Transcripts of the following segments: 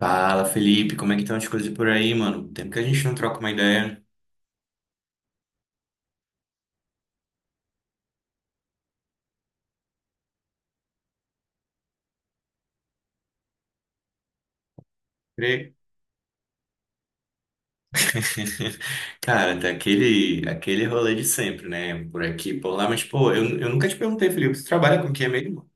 Fala, Felipe, como é que estão as coisas por aí, mano? Tempo que a gente não troca uma ideia, né? Crê. Cara, tá aquele rolê de sempre, né? Por aqui, por lá, mas, pô, eu nunca te perguntei, Felipe, você trabalha com o que é mesmo?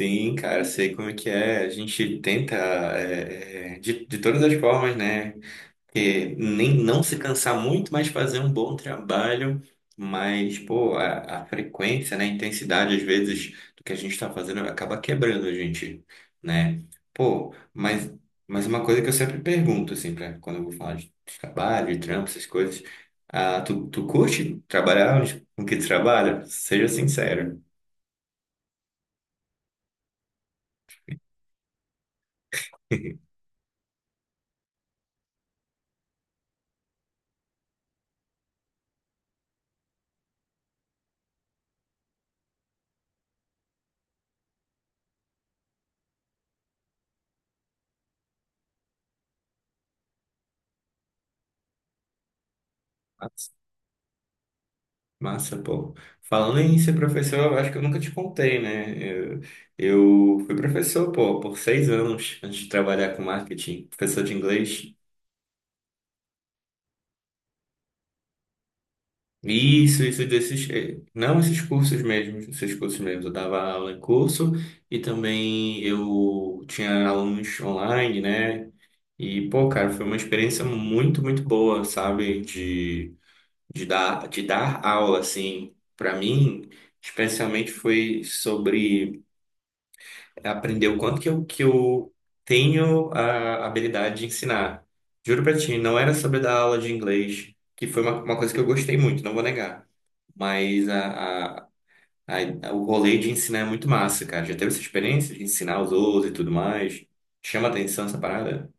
Sim, cara, sei como é que é. A gente tenta, de todas as formas, né? Que nem não se cansar muito, mas fazer um bom trabalho, mas pô, a frequência, né, a intensidade às vezes do que a gente está fazendo acaba quebrando a gente, né? Pô, mas uma coisa que eu sempre pergunto assim para quando eu vou falar de trabalho, de trampo, essas coisas, ah, tu curte trabalhar com que tu trabalha? Seja sincero. Massa, pô. Falando em ser professor, eu acho que eu nunca te contei, né? Eu fui professor, pô, por 6 anos antes de trabalhar com marketing, professor de inglês. Isso desses, não esses cursos mesmo, esses cursos mesmo. Eu dava aula em curso e também eu tinha alunos online, né? E, pô, cara, foi uma experiência muito, muito boa, sabe? De dar aula, assim, pra mim, especialmente foi sobre aprender o quanto que eu, tenho a habilidade de ensinar. Juro pra ti, não era sobre dar aula de inglês, que foi uma coisa que eu gostei muito, não vou negar. Mas o rolê de ensinar é muito massa, cara. Já teve essa experiência de ensinar os outros e tudo mais? Chama atenção essa parada?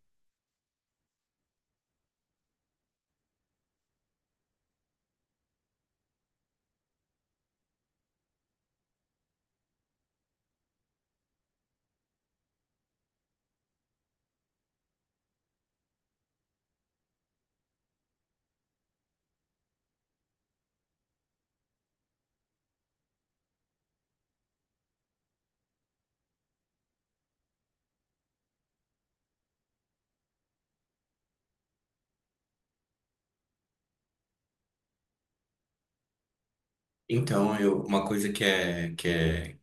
Então, uma coisa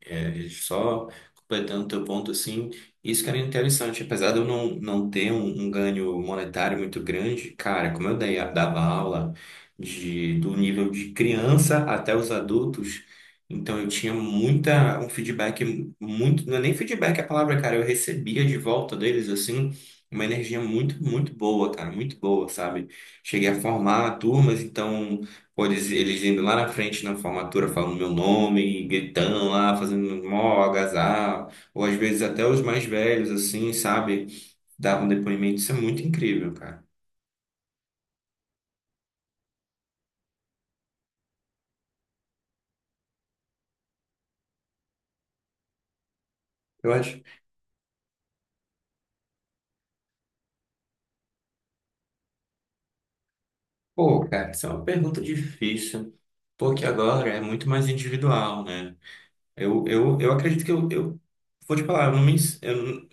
é só completando o teu ponto, assim, isso que era interessante, apesar de eu não ter um ganho monetário muito grande, cara, como eu dava aula do nível de criança até os adultos, então eu tinha um feedback muito, não é nem feedback é a palavra, cara, eu recebia de volta deles, assim, uma energia muito, muito boa, cara, muito boa, sabe? Cheguei a formar turmas, então. Pô, eles indo lá na frente na formatura falando meu nome, gritando lá, fazendo mó agasalho. Ou às vezes até os mais velhos, assim, sabe? Davam depoimento. Isso é muito incrível, cara. Eu acho. Pô, cara, isso é uma pergunta difícil, porque agora é muito mais individual, né? Eu acredito que eu vou te falar, eu não me, eu,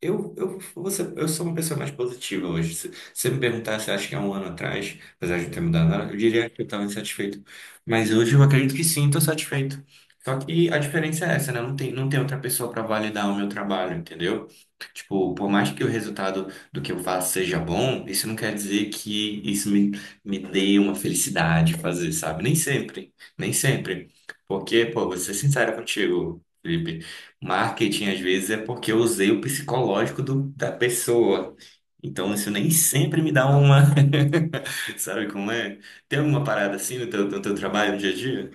eu sou uma pessoa mais positiva hoje. Se você me perguntasse, acho que há um ano atrás, apesar de não ter mudado nada, eu diria que eu estava insatisfeito. Mas hoje eu acredito que sim, estou satisfeito. Só que a diferença é essa, né? Não tem outra pessoa para validar o meu trabalho, entendeu? Tipo, por mais que o resultado do que eu faço seja bom, isso não quer dizer que isso me dê uma felicidade fazer, sabe? Nem sempre, nem sempre. Porque, pô, vou ser sincero contigo, Felipe. Marketing, às vezes, é porque eu usei o psicológico da pessoa. Então, isso nem sempre me dá uma. Sabe como é? Tem alguma parada assim no teu, no teu trabalho, no dia a dia?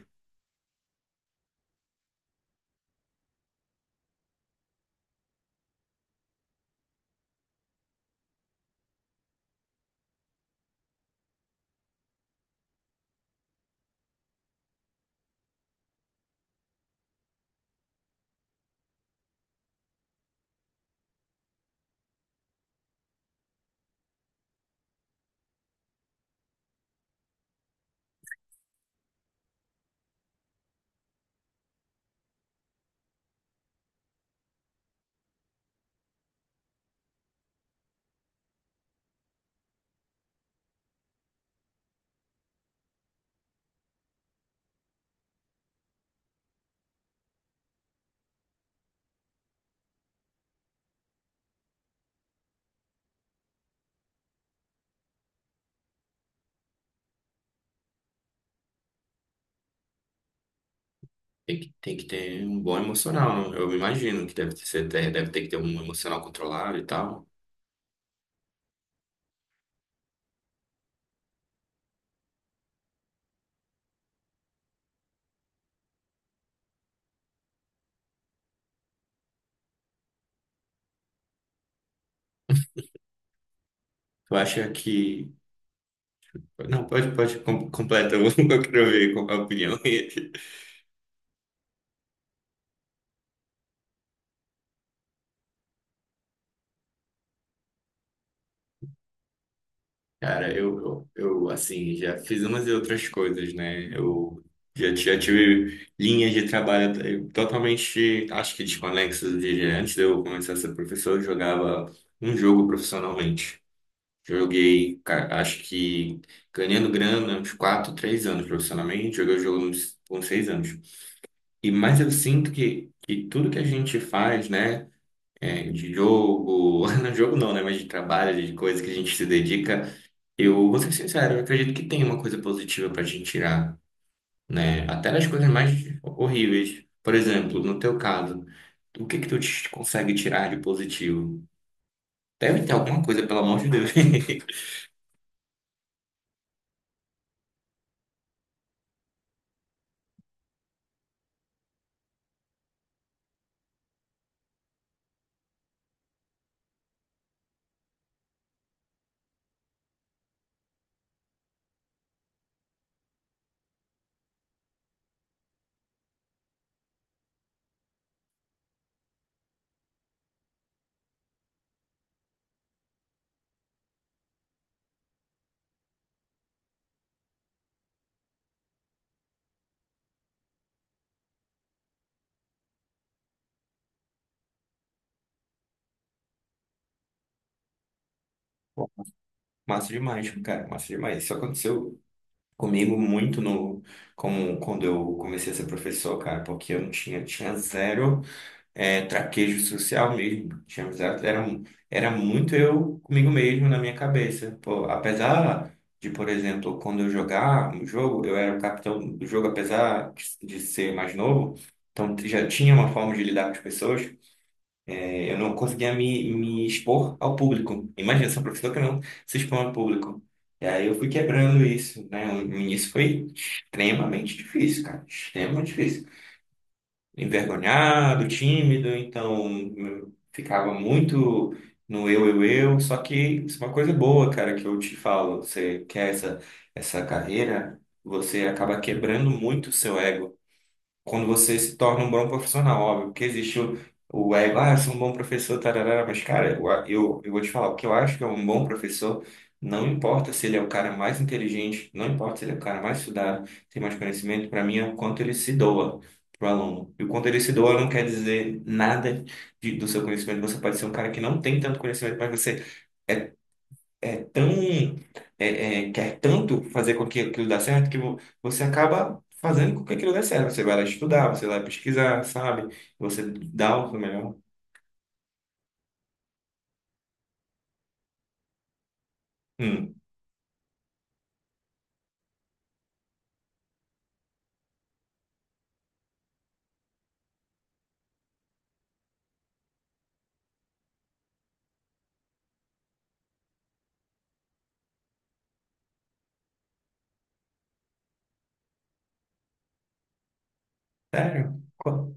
Tem que ter um bom emocional, né? Eu imagino que deve ter que ter um emocional controlado e tal. Tu acha que. Não, pode, pode, completa, eu quero ver qual é a opinião. Cara, eu, assim, já fiz umas e outras coisas, né? Eu já tive linhas de trabalho totalmente, acho que desconexas de antes de eu começar a ser professor, eu jogava um jogo profissionalmente. Joguei, acho que ganhando grana, uns 4 3 anos profissionalmente, joguei o jogo uns 6 anos. E mais eu sinto que tudo que a gente faz, né? De jogo, não jogo não, né? Mas de trabalho, de coisas que a gente se dedica, eu vou ser sincero, eu acredito que tem uma coisa positiva para a gente tirar, né? Até das coisas mais horríveis. Por exemplo, no teu caso, o que que tu consegue tirar de positivo? Deve ter alguma coisa, pelo amor de Deus. Massa demais, cara, massa demais. Isso aconteceu comigo muito no, como quando eu comecei a ser professor, cara, porque eu não tinha, tinha zero. Traquejo social mesmo. Tinha amizade, era muito eu comigo mesmo na minha cabeça. Pô, apesar de, por exemplo, quando eu jogar um jogo, eu era o capitão do jogo, apesar de ser mais novo, então já tinha uma forma de lidar com as pessoas. É, eu não conseguia me expor ao público. Imagina, sou um professor que não se expõe ao público. E aí eu fui quebrando isso, né? No início foi extremamente difícil, cara. Extremamente difícil, envergonhado, tímido, então ficava muito no eu, eu. Só que isso é uma coisa boa, cara, que eu te falo. Você quer essa carreira, você acaba quebrando muito o seu ego quando você se torna um bom profissional, óbvio, porque existe o ego, ah, eu sou um bom professor, tarará, mas cara, eu vou te falar, o que eu acho que é um bom professor, não importa se ele é o cara mais inteligente, não importa se ele é o cara mais estudado, tem mais conhecimento, para mim é o quanto ele se doa pro aluno. E o quanto ele se doa não quer dizer nada do seu conhecimento. Você pode ser um cara que não tem tanto conhecimento, mas você é é tão quer tanto fazer com que aquilo dê certo que você acaba fazendo com que aquilo dê certo. Você vai lá estudar, você vai pesquisar, sabe? Você dá o seu melhor. Hum, Sério?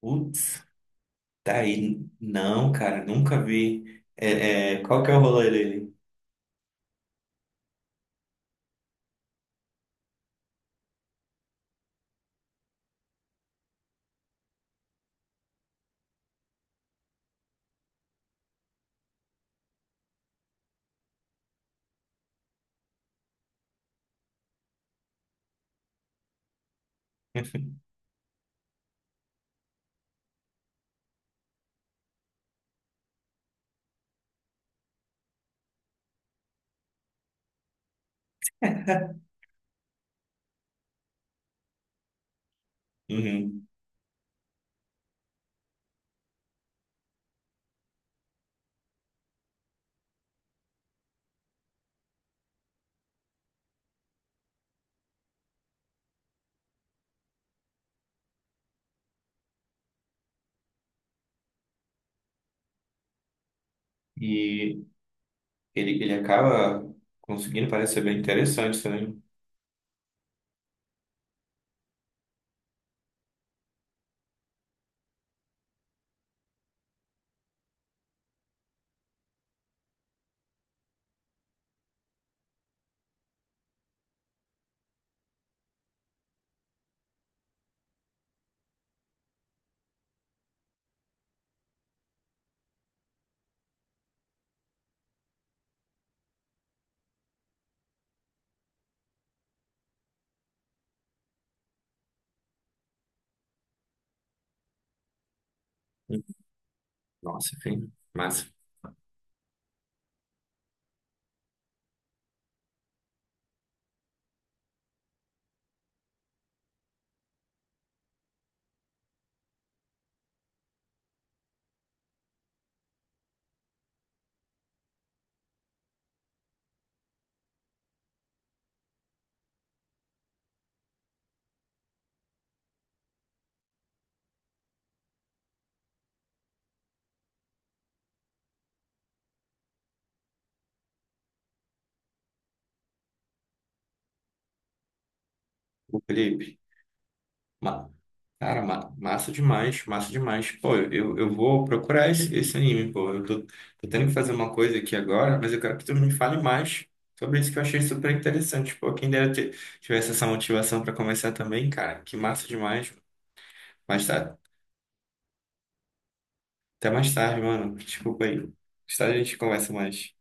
Putz, tá aí. Não, cara, nunca vi. Qual que é o rolê dele? Uhum. E ele acaba conseguindo, parece ser bem interessante também. Nossa, enfim, massa. O Felipe. Ma- Cara, massa demais, massa demais. Pô, eu vou procurar esse anime, pô. Eu tô tendo que fazer uma coisa aqui agora, mas eu quero que tu me fale mais sobre isso que eu achei super interessante. Pô, quem dera tivesse essa motivação pra começar também, cara. Que massa demais. Mas tá, até mais tarde, mano. Desculpa aí. Mais tarde a gente conversa mais.